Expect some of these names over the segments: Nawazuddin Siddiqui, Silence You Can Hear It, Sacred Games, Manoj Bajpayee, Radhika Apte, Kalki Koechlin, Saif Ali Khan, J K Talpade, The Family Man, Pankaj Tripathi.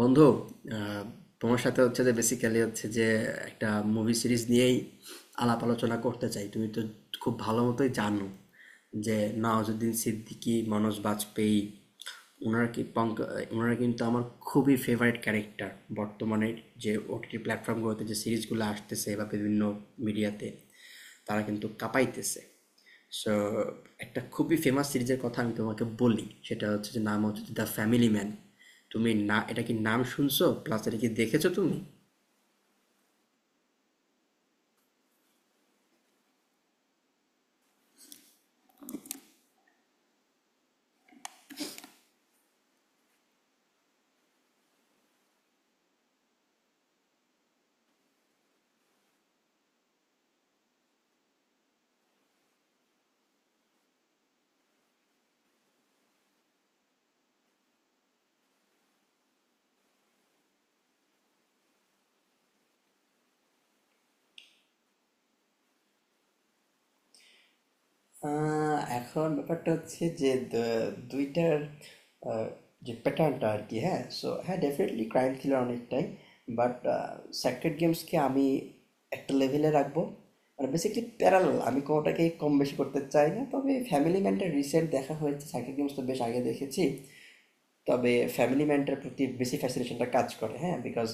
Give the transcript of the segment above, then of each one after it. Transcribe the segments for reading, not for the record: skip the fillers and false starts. বন্ধু, আহ, তোমার সাথে হচ্ছে যে বেসিক্যালি হচ্ছে যে একটা মুভি সিরিজ নিয়েই আলাপ আলোচনা করতে চাই। তুমি তো খুব ভালো মতোই জানো যে নওয়াজুদ্দিন সিদ্দিকী, মনোজ বাজপেয়ী, ওনারা কি পঙ্ক ওনারা কিন্তু আমার খুবই ফেভারিট ক্যারেক্টার। বর্তমানে যে ওটিটি প্ল্যাটফর্মগুলোতে যে সিরিজগুলো আসতেছে বা বিভিন্ন মিডিয়াতে, তারা কিন্তু কাঁপাইতেছে। সো একটা খুবই ফেমাস সিরিজের কথা আমি তোমাকে বলি, সেটা হচ্ছে যে নাম হচ্ছে দ্য ফ্যামিলি ম্যান। তুমি না এটা কি নাম শুনছো প্লাস এটা কি দেখেছো তুমি? এখন ব্যাপারটা হচ্ছে যে দুইটার আহ, যে প্যাটার্নটা আর কি, হ্যাঁ, সো হ্যাঁ ডেফিনেটলি ক্রাইম থ্রিলার অনেকটাই। বাট স্যাক্রেড গেমসকে আমি একটা লেভেলে রাখবো, মানে বেসিক্যালি প্যারালাল, আমি কোনোটাকে কম বেশি করতে চাই না। তবে ফ্যামিলি ম্যানটা রিসেন্ট দেখা হয়েছে, স্যাক্রেড গেমস তো বেশ আগে দেখেছি। তবে ফ্যামিলি ম্যানটার প্রতি বেশি ফ্যাসিনেশনটা কাজ করে, হ্যাঁ? বিকজ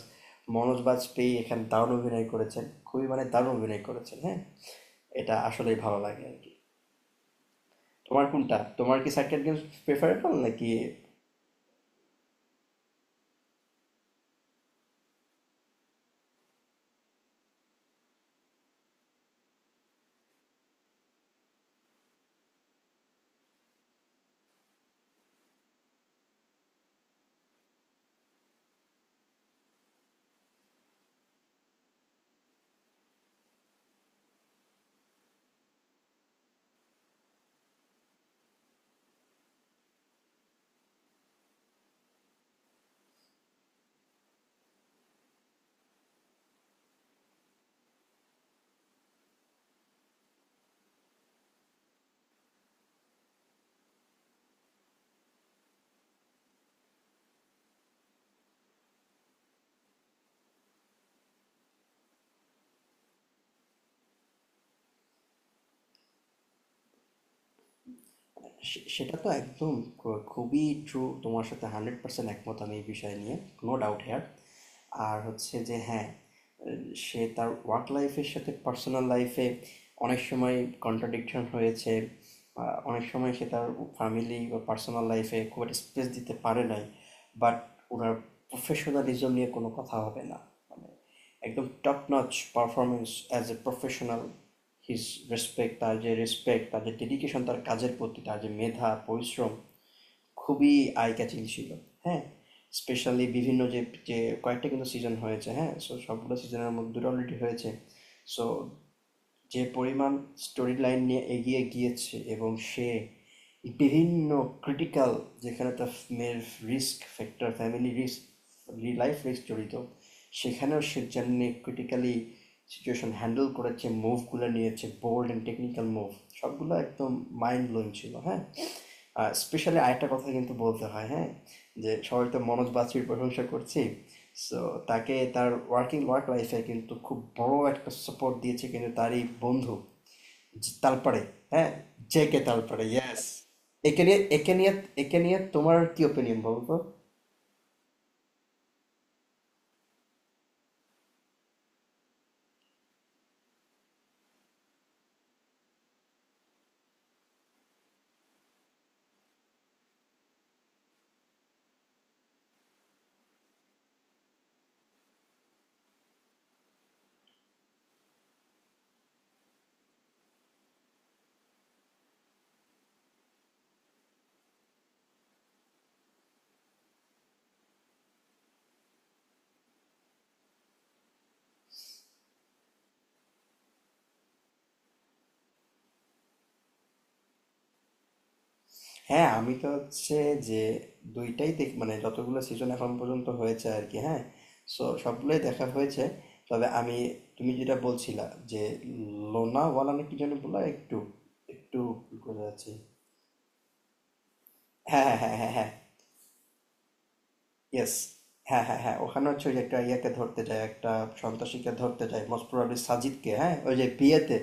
মনোজ বাজপেয়ী এখানে দারুণ অভিনয় করেছেন। খুবই মানে দারুণ অভিনয় করেছেন, হ্যাঁ? এটা আসলেই ভালো লাগে আরকি। তোমার কোনটা? তোমার কি সার্কেল গেমস প্রেফারেবল নাকি? সে সেটা তো একদম খুবই ট্রু, তোমার সাথে 100% একমত আমি এই বিষয় নিয়ে। No doubt here. আর হচ্ছে যে, হ্যাঁ, সে তার ওয়ার্ক লাইফের সাথে পার্সোনাল লাইফে অনেক সময় কন্ট্রাডিকশন হয়েছে। অনেক সময় সে তার ফ্যামিলি বা পার্সোনাল লাইফে খুব একটা স্পেস দিতে পারে নাই। বাট ওনার প্রফেশনালিজম নিয়ে কোনো কথা হবে না। মানে একদম top notch performance as a professional. His respect, তার যে রেসপেক্ট, তার যে ডেডিকেশন তার কাজের প্রতি, তার যে মেধা পরিশ্রম, খুবই আই ক্যাচিং ছিল। হ্যাঁ, স্পেশালি বিভিন্ন যে যে কয়েকটা কিন্তু সিজন হয়েছে, হ্যাঁ, সো সবগুলো সিজনের মধ্যে অলরেডি হয়েছে। সো যে পরিমাণ স্টোরি লাইন নিয়ে এগিয়ে গিয়েছে, এবং সে বিভিন্ন ক্রিটিক্যাল, যেখানে তার মেয়ের risk factor, family risk, life risk জড়িত, সেখানেও সে যেমনি ক্রিটিক্যালি সিচুয়েশন হ্যান্ডেল করেছে, মুভগুলো নিয়েছে বোল্ড অ্যান্ড টেকনিক্যাল মুভ, সবগুলো একদম মাইন্ড ব্লোয়িং ছিল। হ্যাঁ, স্পেশালি আরেকটা কথা কিন্তু বলতে হয়, হ্যাঁ? যে সবাই তো মনোজ বাছুর প্রশংসা করছি। সো তাকে তার ওয়ার্কিং ওয়ার্ক লাইফ এ কিন্তু খুব বড় একটা সাপোর্ট দিয়েছে কিন্তু তারই বন্ধু, যে তালপাড়ে, হ্যাঁ? জে কে তালপাড়ে, ইয়েস! একে নিয়ে একে নিয়ে একে নিয়ে তোমার কি ওপিনিয়ন বলো তো? হ্যাঁ, আমি তো হচ্ছে যে দুইটাই দেখ, মানে যতগুলো সিজন এখন পর্যন্ত হয়েছে আর কি, হ্যাঁ, সো সবগুলোই দেখা হয়েছে। তবে আমি, তুমি যেটা বলছিলা যে লোনাওয়ালা না কি যেন বললা, একটু একটু বোঝা যাচ্ছে। হ্যাঁ, হ্যাঁ, হ্যাঁ, হ্যাঁ, হ্যাঁ। ইয়েস, হ্যাঁ, হ্যাঁ, হ্যাঁ। ওখানে হচ্ছে ওই যে একটা ইয়াকে ধরতে যায়, একটা সন্ত্রাসীকে ধরতে যায়, মোস্ট প্রবাবলি সাজিদকে, হ্যাঁ, ওই যে বিয়েতে।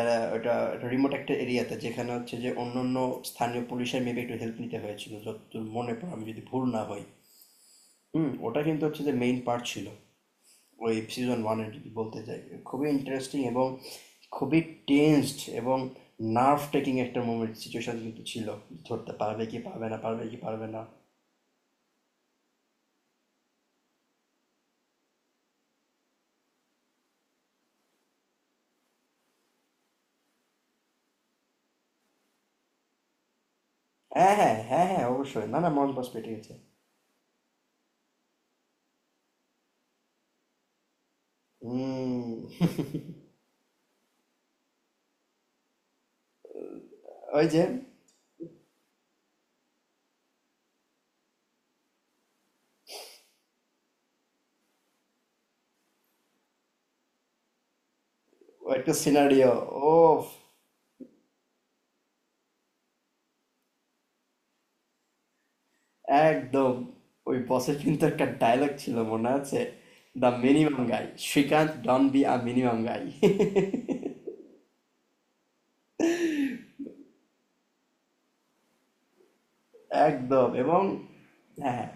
ওটা রিমোট একটা এরিয়াতে, যেখানে হচ্ছে যে অন্য অন্য স্থানীয় পুলিশের মেবি একটু হেল্প নিতে হয়েছিল যতদূর মনে পড়ে, আমি যদি ভুল না হই। হুম, ওটা কিন্তু হচ্ছে যে মেইন পার্ট ছিল ওই সিজন ওয়ানের, যদি বলতে চাই। খুবই ইন্টারেস্টিং এবং খুবই টেন্সড এবং নার্ভ টেকিং একটা মোমেন্ট সিচুয়েশন কিন্তু ছিল। ধরতে পারবে কি পারবে না, পারবে কি পারবে না। হ্যাঁ, হ্যাঁ, হ্যাঁ, হ্যাঁ, অবশ্যই। না না, মন বাস পেটে গেছে। হুম। ওই যে, ও একটা সিনারিও, ও একদম ওই বসের কিন্তু একটা ডায়লগ ছিল মনে আছে, the minimum guy, Srikant don't be a minimum গাই। একদম। এবং হ্যাঁ, হ্যাঁ,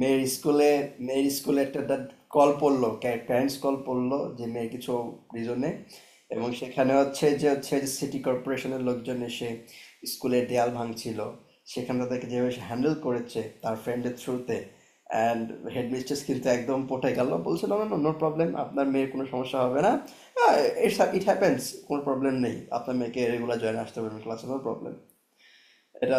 মেয়ের স্কুলে, মেয়ের স্কুলে একটা কল পড়লো, প্যারেন্টস কল পড়লো যে মেয়ের কিছু রিজনে, এবং সেখানে হচ্ছে যে হচ্ছে যে সিটি কর্পোরেশনের লোকজন এসে স্কুলের দেয়াল ভাঙছিল। সেখানে তাদেরকে যেভাবে হ্যান্ডেল করেছে তার ফ্রেন্ডের থ্রুতে, অ্যান্ড হেডমিস্ট্রেস কিন্তু একদম পটে গেল, বলছিল না না, নো প্রবলেম, আপনার মেয়ের কোনো সমস্যা হবে না, ইটস ইট হ্যাপেন্স, কোনো প্রবলেম নেই, আপনার মেয়েকে রেগুলার জয়েন আসতে পারবেন ক্লাসে, নো প্রবলেম। এটা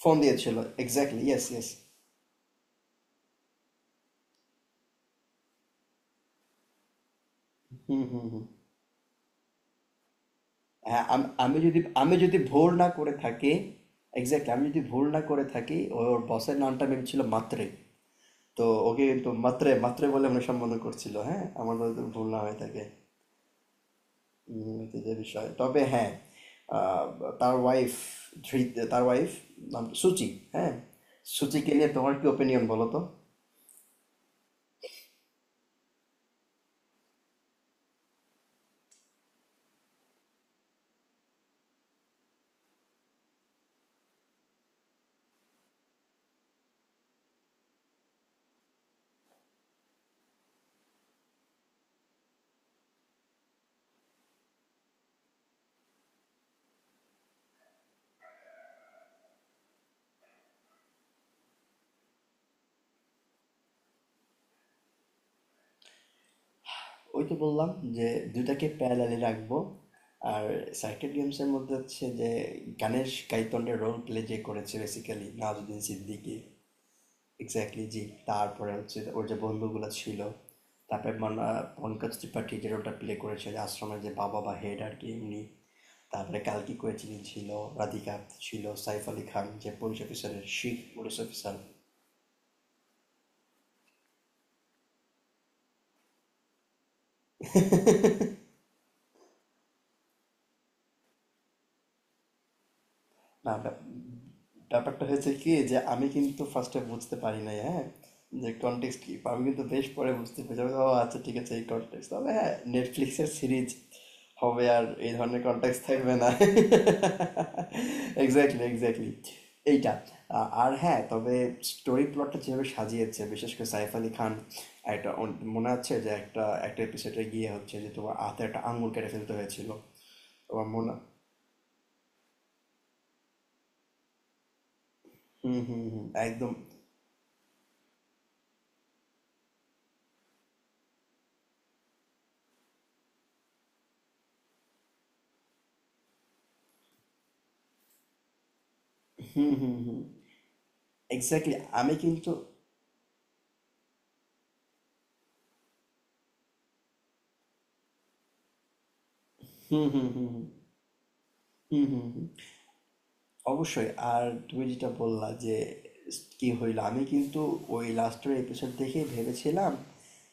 ফোন দিয়েছিল। Exactly, yes, yes. হ্যাঁ, আমি যদি ভুল না করে থাকি, এক্স্যাক্টলি, আমি যদি ভুল না করে থাকি, ওর বসের নামটা মেম ছিল, মাত্রে। তো ওকে কিন্তু মাত্রে মাত্রে বলে আমরা সম্বোধন করছিল, হ্যাঁ, আমার যদি ভুল না হয়ে থাকে। এটা যে বিষয় তবে, হ্যাঁ। আহ, তার ওয়াইফ, ধৃত তার ওয়াইফ, নাম সুচি। হ্যাঁ, সুচিকে নিয়ে তোমার কি ওপিনিয়ন বলো তো? ওই তো বললাম যে দুইটাকে প্যারালালি রাখবো। আর সার্কিট গেমস এর মধ্যে হচ্ছে যে গানের গাইতন্ডে রোল প্লে যে করেছে বেসিক্যালি নওয়াজুদ্দিন সিদ্দিকী। এক্স্যাক্টলি জি। তারপরে হচ্ছে ওর যে বন্ধুগুলো ছিল, তারপরে মানে পঙ্কজ ত্রিপাঠী যে রোলটা প্লে করেছে, যে আশ্রমের যে বাবা বা হেড আর কি এমনি। তারপরে কালকি কোয়েচিনি ছিল, রাধিকা আপ্তে ছিল, সাইফ আলী খান যে পুলিশ অফিসারের, শিখ পুলিশ অফিসার। না ব্যা- ব্যাপারটা হয়েছে কি যে আমি কিন্তু ফার্স্টে বুঝতে পারি নাই, হ্যাঁ, যে কনটেক্সট কি। আমি কিন্তু বেশ পরে বুঝতে পেরেছি আমি, ও আচ্ছা ঠিক আছে এই কনটেক্সট, তবে হ্যাঁ নেটফ্লিক্সের সিরিজ হবে আর এই ধরনের কনটেক্সট থাকবে না। Exactly, exactly. এইটা, আর হ্যাঁ, তবে স্টোরি প্লটটা যেভাবে সাজিয়েছে, বিশেষ করে সাইফ আলী খান, একটা মনে আছে যে একটা একটা এপিসোডে গিয়ে হচ্ছে যে তোমার হাতে একটা আঙুল কেটে ফেলতে হয়েছিল, তোমার মনে। হুম, হুম, হুম, একদম। হুম, হুম, হুম। এক্স্যাক্টলি। আমি কিন্তু হুম, হুম, হুম, হুম। হুম, হুম, হুম। অবশ্যই। আর তুমি যেটা বললা যে কি হইলো, আমি কিন্তু ওই লাস্টের এপিসোড দেখে ভেবেছিলাম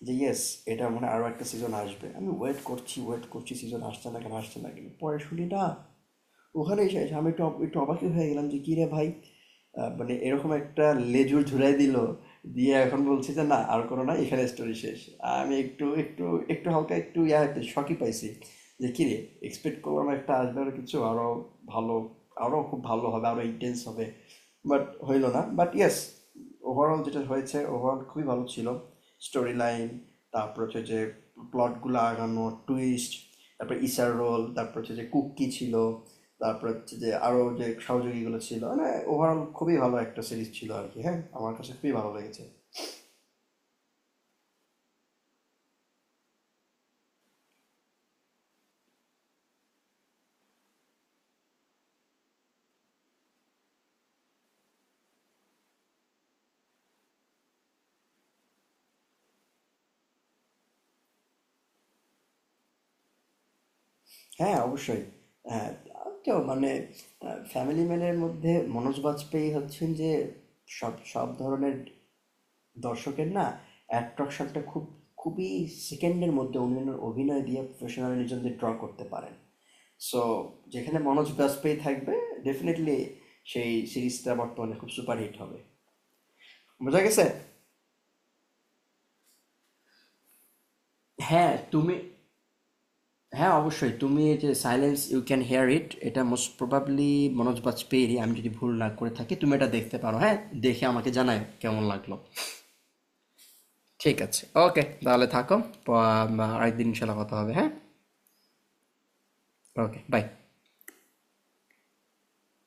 যে ইয়েস, এটা মনে হয় আরো একটা সিজন আসবে। আমি ওয়েট করছি ওয়েট করছি, সিজন আসছে না কেন আসছে না কেন, পরে শুনি না ওখানেই শেষ। আমি একটু অবাকই হয়ে গেলাম যে, "কি রে ভাই! আ মানে এরকম একটা লেজুর ঝুরাই দিল। দিয়ে এখন বলছে যে, 'না আর করো না, এখানে স্টোরি শেষ।' আমি একটু একটু একটু হালকা একটু ইয়াতে শকই পাইছি। যে, "কিরে! এক্সপেক্ট করলাম একটা আসবে আরও কিছু, আরও ভালো, আরও খুব ভালো হবে, আরও ইনটেন্স হবে।" বাট হইল না। বাট ইয়েস, ওভারঅল যেটা হয়েছে, ওভারঅল খুবই ভালো ছিল। স্টোরি লাইন, তারপর হচ্ছে যে প্লটগুলো আগানো টুইস্ট, তারপর ইসার রোল, তারপর হচ্ছে যে কুকি ছিল, তারপর হচ্ছে যে আরও যে সহযোগীগুলো ছিল মানে, ওভারঅল খুবই ভালো একটা সিরিজ ছিল আর কি, হ্যাঁ, আমার কাছে খুবই ভালো লেগেছে। হ্যাঁ, অবশ্যই। হ্যাঁ, তো মানে ফ্যামিলি ম্যানের মধ্যে মনোজ বাজপেয়ী হচ্ছেন যে সব সব ধরনের দর্শকের না অ্যাট্রাকশনটা খুব খুবই সেকেন্ডের মধ্যে উনি ওনার অভিনয় দিয়ে প্রফেশনালিজমদের ড্র করতে পারেন। সো যেখানে মনোজ বাজপেয়ী থাকবে ডেফিনেটলি সেই সিরিজটা বর্তমানে খুব সুপারহিট হবে। বোঝা গেছে। হ্যাঁ তুমি, হ্যাঁ অবশ্যই তুমি এই যে silence you can hear it, এটা মোস্ট প্রবাবলি মনোজ বাজপেয়ীরই, আমি যদি ভুল না করে থাকি। তুমি এটা দেখতে পারো, হ্যাঁ, দেখে আমাকে জানায় কেমন লাগলো। ঠিক আছে, ওকে, তাহলে থাকো। আরেকদিন ইনশাল্লাহ কথা হবে, হ্যাঁ। ওকে, বাই।